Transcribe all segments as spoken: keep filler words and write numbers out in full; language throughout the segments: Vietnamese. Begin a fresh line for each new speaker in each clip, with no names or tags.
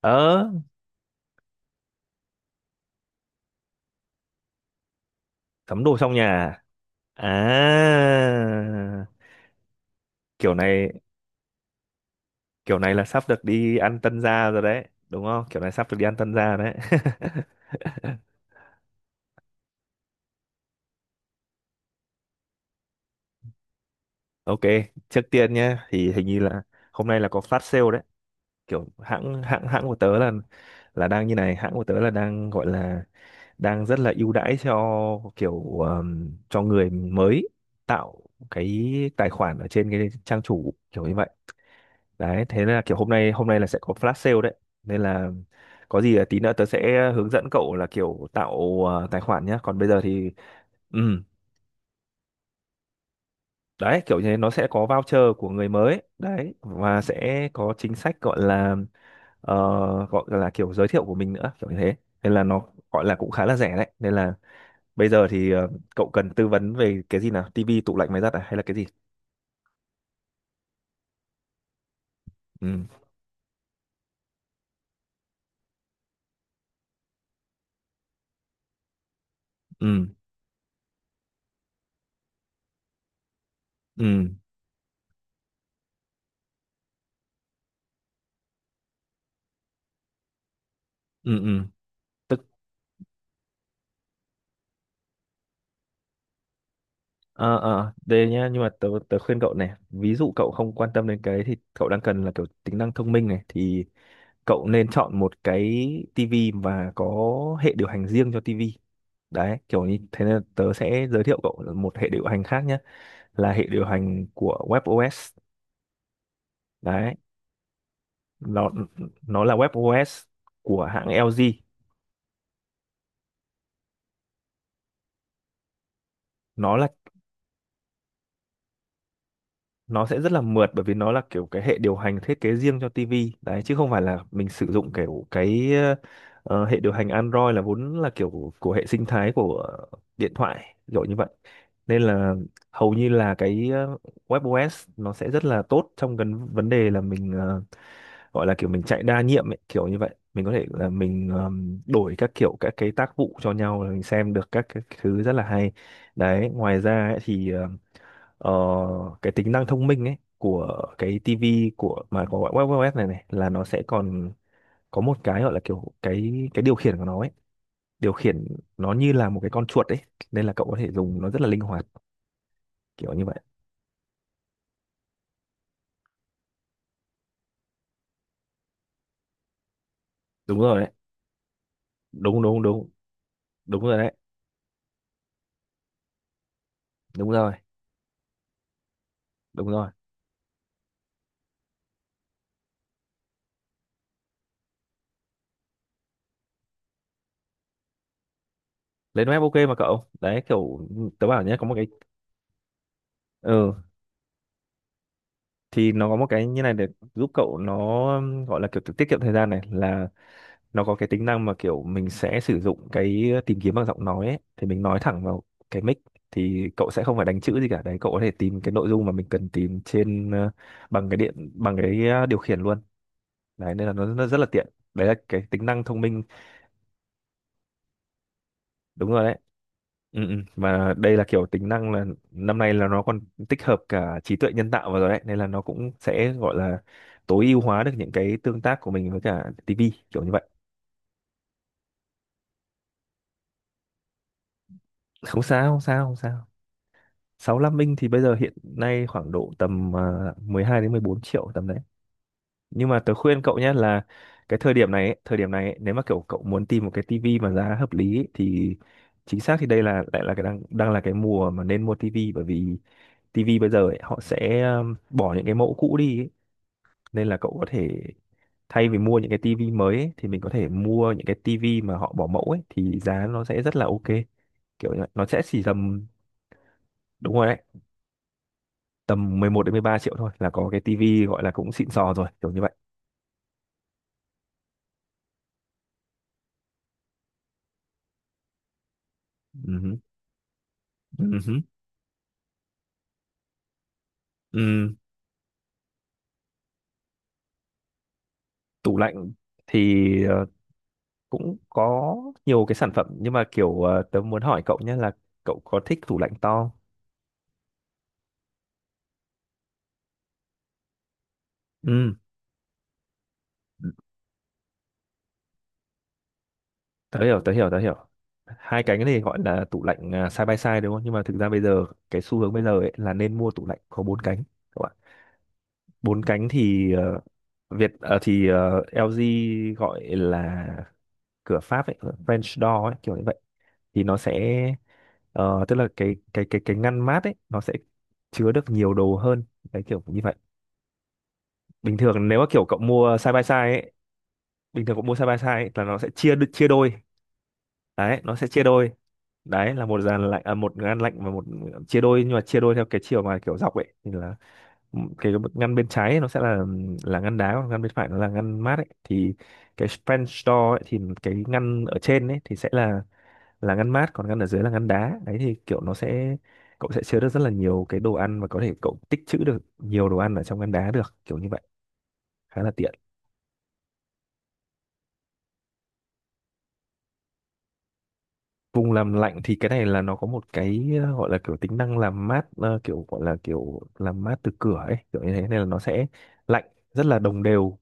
ờ Cắm đồ trong nhà à? À, kiểu này kiểu này là sắp được đi ăn tân gia rồi đấy đúng không? Kiểu này sắp được đi ăn tân gia đấy. Ok, trước tiên nhé, thì hình như là hôm nay là có flash sale đấy. Kiểu hãng hãng hãng của tớ là là đang như này, hãng của tớ là đang gọi là đang rất là ưu đãi cho kiểu ờm, cho người mới tạo cái tài khoản ở trên cái trang chủ kiểu như vậy đấy. Thế nên là kiểu hôm nay hôm nay là sẽ có flash sale đấy, nên là có gì là tí nữa tớ sẽ hướng dẫn cậu là kiểu tạo ờ, tài khoản nhá. Còn bây giờ thì ừ, đấy, kiểu như thế nó sẽ có voucher của người mới đấy, và sẽ có chính sách gọi là ờ, gọi là kiểu giới thiệu của mình nữa kiểu như thế. Nên là nó gọi là cũng khá là rẻ đấy, nên là bây giờ thì ờ, cậu cần tư vấn về cái gì nào, tivi, tủ lạnh, máy giặt à hay là cái gì? Ừ ừ, ừ ừ ừ, tức Ờ ờ đây nhá, nhưng mà tớ tớ khuyên cậu này, ví dụ cậu không quan tâm đến cái đấy thì cậu đang cần là kiểu tính năng thông minh này, thì cậu nên chọn một cái tivi và có hệ điều hành riêng cho tivi đấy kiểu như thế. Nên tớ sẽ giới thiệu cậu một hệ điều hành khác nhé, là hệ điều hành của WebOS đấy. nó nó là WebOS của hãng e lờ giê. Nó là nó sẽ rất là mượt, bởi vì nó là kiểu cái hệ điều hành thiết kế riêng cho ti vi đấy, chứ không phải là mình sử dụng kiểu cái ờ, ờ, hệ điều hành Android là vốn là kiểu của hệ sinh thái của điện thoại rồi như vậy. Nên là hầu như là cái ờ, WebOS nó sẽ rất là tốt trong cái vấn đề là mình ờ, gọi là kiểu mình chạy đa nhiệm ấy, kiểu như vậy. Mình có thể là mình ờm, đổi các kiểu các cái tác vụ cho nhau, là mình xem được các cái thứ rất là hay đấy. Ngoài ra ấy, thì ờ, ờ, cái tính năng thông minh ấy của cái tivi của mà có web web này này, là nó sẽ còn có một cái gọi là kiểu cái cái điều khiển của nó ấy. Điều khiển nó như là một cái con chuột ấy, nên là cậu có thể dùng nó rất là linh hoạt kiểu như vậy. Đúng rồi đấy, đúng đúng đúng, đúng rồi đấy, đúng rồi, đúng rồi. Lên web ok mà cậu, đấy kiểu tớ bảo nhé, có một cái ừ, thì nó có một cái như này để giúp cậu nó um, gọi là kiểu tiết kiệm thời gian này, là nó có cái tính năng mà kiểu mình sẽ sử dụng cái tìm kiếm bằng giọng nói ấy, thì mình nói thẳng vào cái mic, thì cậu sẽ không phải đánh chữ gì cả đấy. Cậu có thể tìm cái nội dung mà mình cần tìm trên ờ, bằng cái điện bằng cái ờ, điều khiển luôn đấy, nên là nó, nó rất là tiện đấy, là cái tính năng thông minh. Đúng rồi đấy, ừ, ừ. Và đây là kiểu tính năng là năm nay là nó còn tích hợp cả trí tuệ nhân tạo vào rồi đấy, nên là nó cũng sẽ gọi là tối ưu hóa được những cái tương tác của mình với cả ti vi kiểu như vậy. Không sao, không sao, không sao, sáu lăm inch thì bây giờ hiện nay khoảng độ tầm à, mười hai đến mười bốn triệu tầm đấy. Nhưng mà tớ khuyên cậu nhé là cái thời điểm này ấy, thời điểm này ấy, nếu mà kiểu cậu muốn tìm một cái tivi mà giá hợp lý ấy, thì chính xác thì đây là lại là cái đang đang là cái mùa mà nên mua tivi, bởi vì tivi bây giờ ấy, họ sẽ um, bỏ những cái mẫu cũ đi ấy. Nên là cậu có thể thay vì mua những cái tivi mới ấy, thì mình có thể mua những cái tivi mà họ bỏ mẫu ấy, thì giá nó sẽ rất là ok. Kiểu như vậy, nó sẽ chỉ tầm đúng rồi đấy, tầm mười một đến mười ba triệu thôi là có cái tivi gọi là cũng xịn sò rồi kiểu như vậy. Ừ hứ, ừ hứ. Ừ, tủ lạnh thì ờ, cũng có nhiều cái sản phẩm, nhưng mà kiểu ờ, tớ muốn hỏi cậu nhé là cậu có thích tủ lạnh to không? Ừ. Tớ hiểu, tớ hiểu, tớ hiểu, hai cái này gọi là tủ lạnh à, side by side đúng không? Nhưng mà thực ra bây giờ cái xu hướng bây giờ ấy là nên mua tủ lạnh có bốn cánh các bạn. Bốn cánh thì ờ, Việt ờ, thì ờ, e lờ giê gọi là cửa Pháp ấy, French door ấy kiểu như vậy. Thì nó sẽ ờ, tức là cái cái cái cái ngăn mát ấy nó sẽ chứa được nhiều đồ hơn đấy kiểu như vậy. Bình thường nếu mà kiểu cậu mua side by side ấy, bình thường cậu mua side by side ấy, là nó sẽ chia đ- chia đôi. Đấy, nó sẽ chia đôi, đấy là một dàn lạnh à, một ngăn lạnh và một chia đôi, nhưng mà chia đôi theo cái chiều mà kiểu dọc ấy, thì là cái ngăn bên trái ấy, nó sẽ là là ngăn đá, còn ngăn bên phải nó là ngăn mát ấy. Thì cái French door ấy, thì cái ngăn ở trên ấy thì sẽ là là ngăn mát, còn ngăn ở dưới là ngăn đá đấy. Thì kiểu nó sẽ cậu sẽ chứa được rất là nhiều cái đồ ăn, và có thể cậu tích trữ được nhiều đồ ăn ở trong ngăn đá được kiểu như vậy, khá là tiện. Vùng làm lạnh thì cái này là nó có một cái ờ, gọi là kiểu tính năng làm mát ờ, kiểu gọi là kiểu làm mát từ cửa ấy kiểu như thế, nên là nó sẽ lạnh rất là đồng đều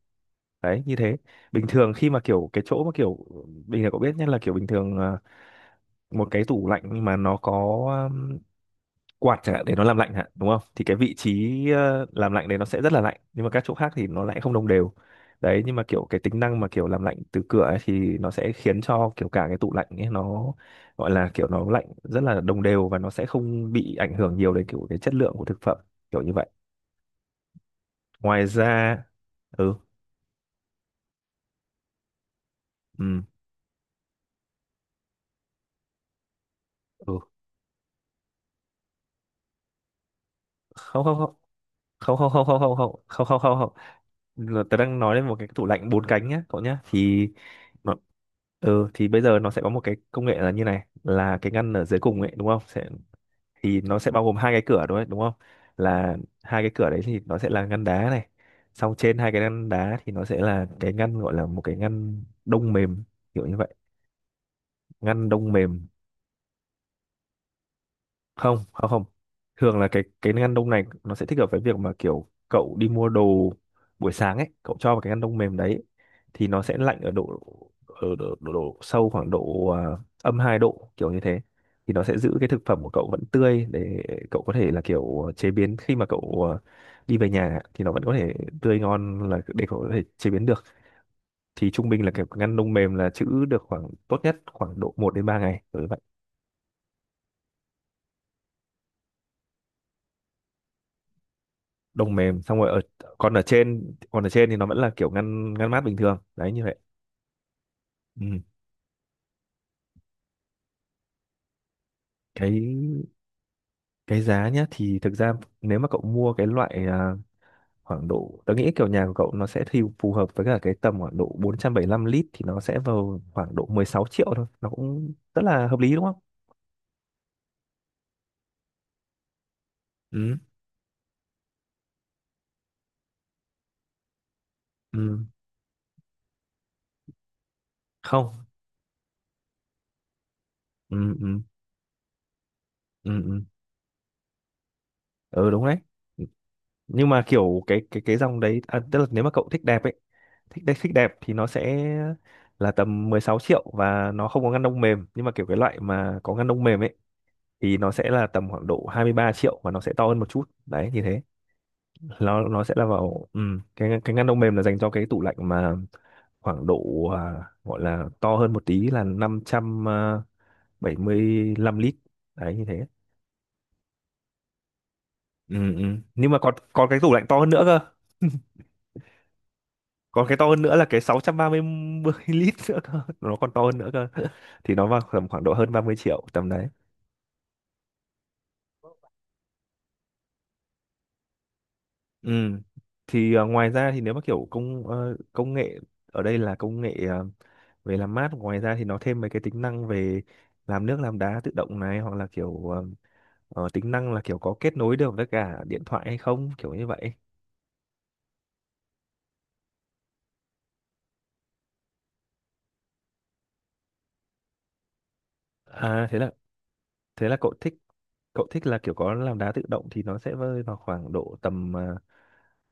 đấy như thế. Bình thường khi mà kiểu cái chỗ mà kiểu bình thường cậu biết nhé, là kiểu bình thường ờ, một cái tủ lạnh mà nó có quạt chẳng hạn để nó làm lạnh hả đúng không, thì cái vị trí ờ, làm lạnh đấy nó sẽ rất là lạnh, nhưng mà các chỗ khác thì nó lại không đồng đều đấy. Nhưng mà kiểu cái tính năng mà kiểu làm lạnh từ cửa ấy, thì nó sẽ khiến cho kiểu cả cái tủ lạnh ấy nó gọi là kiểu nó lạnh rất là đồng đều, và nó sẽ không bị ảnh hưởng nhiều đến kiểu cái chất lượng của thực phẩm kiểu như vậy. Ngoài ra ừ, ừ ừ, không không không, không không không, không không không không, không không không là tớ đang nói đến một cái tủ lạnh bốn cánh nhá cậu nhá. Thì nó ừ, thì bây giờ nó sẽ có một cái công nghệ là như này, là cái ngăn ở dưới cùng ấy đúng không sẽ, thì nó sẽ bao gồm hai cái cửa đúng không, đúng không? Là hai cái cửa đấy thì nó sẽ là ngăn đá này, xong trên hai cái ngăn đá thì nó sẽ là cái ngăn gọi là một cái ngăn đông mềm kiểu như vậy, ngăn đông mềm. Không không không, thường là cái cái ngăn đông này nó sẽ thích hợp với việc mà kiểu cậu đi mua đồ buổi sáng ấy, cậu cho vào cái ngăn đông mềm đấy, thì nó sẽ lạnh ở độ ở độ, độ, độ sâu khoảng độ à, âm hai độ kiểu như thế, thì nó sẽ giữ cái thực phẩm của cậu vẫn tươi, để cậu có thể là kiểu chế biến khi mà cậu à, đi về nhà thì nó vẫn có thể tươi ngon, là để cậu có thể chế biến được. Thì trung bình là kiểu ngăn đông mềm là trữ được khoảng tốt nhất khoảng độ một đến ba ngày đối vậy. Đông mềm xong rồi ở còn ở trên còn ở trên thì nó vẫn là kiểu ngăn ngăn mát bình thường đấy như vậy. Ừ. cái cái giá nhá, thì thực ra nếu mà cậu mua cái loại à, khoảng độ tớ nghĩ kiểu nhà của cậu nó sẽ thì phù hợp với cả cái tầm khoảng độ bốn trăm bảy mươi lăm lít, thì nó sẽ vào khoảng độ mười sáu triệu thôi, nó cũng rất là hợp lý đúng không? Ừ ừ. Không, ừ ừ ừ ừ ừ, đúng đấy. Nhưng mà kiểu cái cái cái dòng đấy à, tức là nếu mà cậu thích đẹp ấy, thích đẹp, thích đẹp thì nó sẽ là tầm mười sáu triệu và nó không có ngăn đông mềm. Nhưng mà kiểu cái loại mà có ngăn đông mềm ấy thì nó sẽ là tầm khoảng độ hai mươi ba triệu và nó sẽ to hơn một chút đấy, như thế. Nó nó sẽ là vào ừm, cái cái ngăn đông mềm là dành cho cái tủ lạnh mà khoảng độ à, gọi là to hơn một tí là năm trăm à, bảy mươi lăm lít đấy, như thế. Ừ, ừ. Nhưng mà còn còn cái tủ lạnh to hơn nữa cơ. Còn cái to hơn nữa là cái sáu trăm ba mươi lít nữa cơ, nó còn to hơn nữa cơ. Thì nó vào tầm khoảng độ hơn ba mươi triệu tầm đấy. Ừ. Thì à, ngoài ra thì nếu mà kiểu công ờ, công nghệ ở đây là công nghệ à, về làm mát, ngoài ra thì nó thêm mấy cái tính năng về làm nước, làm đá tự động này, hoặc là kiểu ờ, ờ, tính năng là kiểu có kết nối được với cả điện thoại hay không, kiểu như vậy. À thế là, thế là cậu thích, cậu thích là kiểu có làm đá tự động thì nó sẽ rơi vào khoảng độ tầm ờ,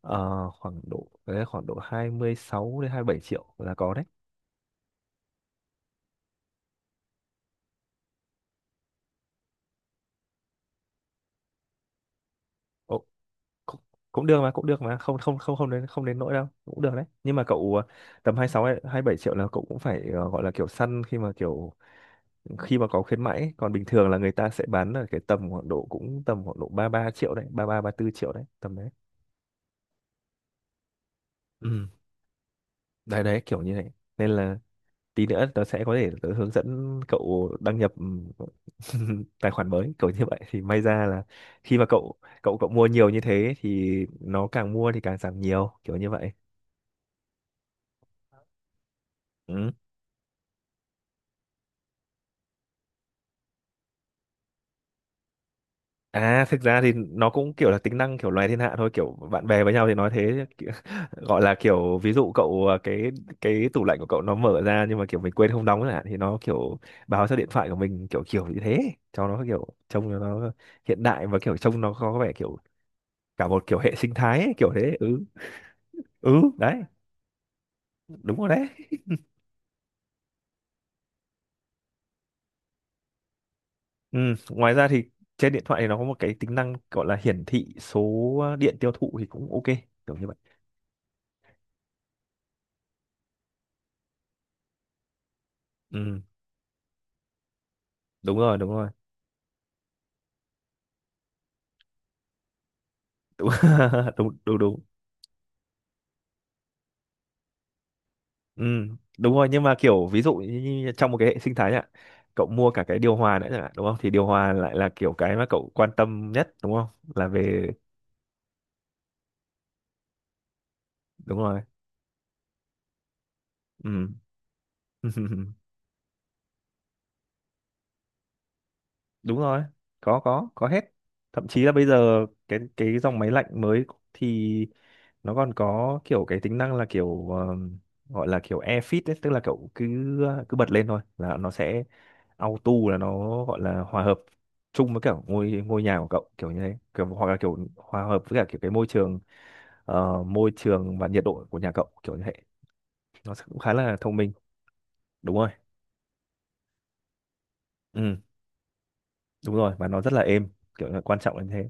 ờ, khoảng độ đấy, khoảng độ hai mươi sáu đến hai mươi bảy triệu là có đấy. Ồ, cũng, cũng được mà, cũng được mà, không không không không đến, không đến nỗi đâu, cũng được đấy. Nhưng mà cậu ờ, tầm hai mươi sáu hay hai mươi bảy triệu là cậu cũng phải ờ, gọi là kiểu săn khi mà kiểu khi mà có khuyến mãi. Còn bình thường là người ta sẽ bán ở cái tầm khoảng độ cũng tầm khoảng độ ba ba triệu đấy, ba ba ba 34 triệu đấy, tầm đấy. Ừ. Đấy đấy, kiểu như này, nên là tí nữa tớ sẽ có thể tớ hướng dẫn cậu đăng nhập ừm, tài khoản mới kiểu như vậy, thì may ra là khi mà cậu cậu cậu mua nhiều như thế thì nó càng mua thì càng giảm nhiều kiểu như vậy. Ừ. À thực ra thì nó cũng kiểu là tính năng kiểu loài thiên hạ thôi, kiểu bạn bè với nhau thì nói thế. Kiểu- gọi là kiểu ví dụ cậu à, cái cái tủ lạnh của cậu nó mở ra nhưng mà kiểu mình quên không đóng chẳng hạn, thì nó kiểu báo cho điện thoại của mình, kiểu kiểu như thế, cho nó kiểu trông cho nó hiện đại và kiểu trông nó có vẻ kiểu cả một kiểu hệ sinh thái ấy, kiểu thế. Ừ ừ đấy, đúng rồi đấy. Ừ. Ngoài ra thì trên điện thoại thì nó có một cái tính năng gọi là hiển thị số điện tiêu thụ thì cũng ok, kiểu như vậy. Ừ, đúng rồi, đúng rồi. Đúng. Đúng đúng đúng. Ừ, đúng rồi. Nhưng mà kiểu ví dụ như như trong một cái hệ sinh thái ạ, cậu mua cả cái điều hòa nữa chẳng hạn đúng không, thì điều hòa lại là kiểu cái mà cậu quan tâm nhất, đúng không, là về. Đúng rồi. Ừ. Đúng rồi, có có có hết. Thậm chí là bây giờ cái cái dòng máy lạnh mới thì nó còn có kiểu cái tính năng là kiểu ờm, gọi là kiểu air fit ấy, tức là kiểu cứ cứ bật lên thôi là nó sẽ auto, là nó gọi là hòa hợp chung với kiểu ngôi ngôi nhà của cậu kiểu như thế, kiểu, hoặc là kiểu hòa hợp với cả kiểu cái môi trường, ờ, môi trường và nhiệt độ của nhà cậu kiểu như thế. Nó sẽ cũng khá là thông minh. Đúng rồi. Ừ, đúng rồi và nó rất là êm, kiểu là quan trọng là như thế.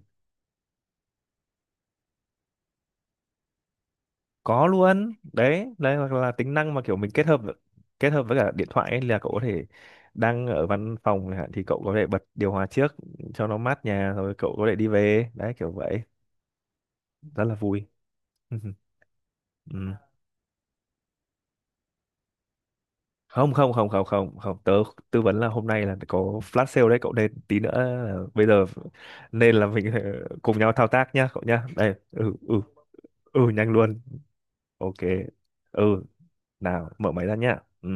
Có luôn đấy, đấy hoặc là tính năng mà kiểu mình kết hợp, kết hợp với cả điện thoại ấy, là cậu có thể đang ở văn phòng chẳng hạn thì cậu có thể bật điều hòa trước cho nó mát nhà rồi cậu có thể đi về, đấy kiểu vậy. Rất là vui. Ừ. Không không không không không không, tớ tư vấn là hôm nay là có flash sale đấy cậu, nên tí nữa là bây giờ, nên là mình cùng nhau thao tác nhá cậu nhá, đây, ừ ừ. Ừ nhanh luôn. Ok. Ừ. Nào, mở máy ra nhá. Ừ.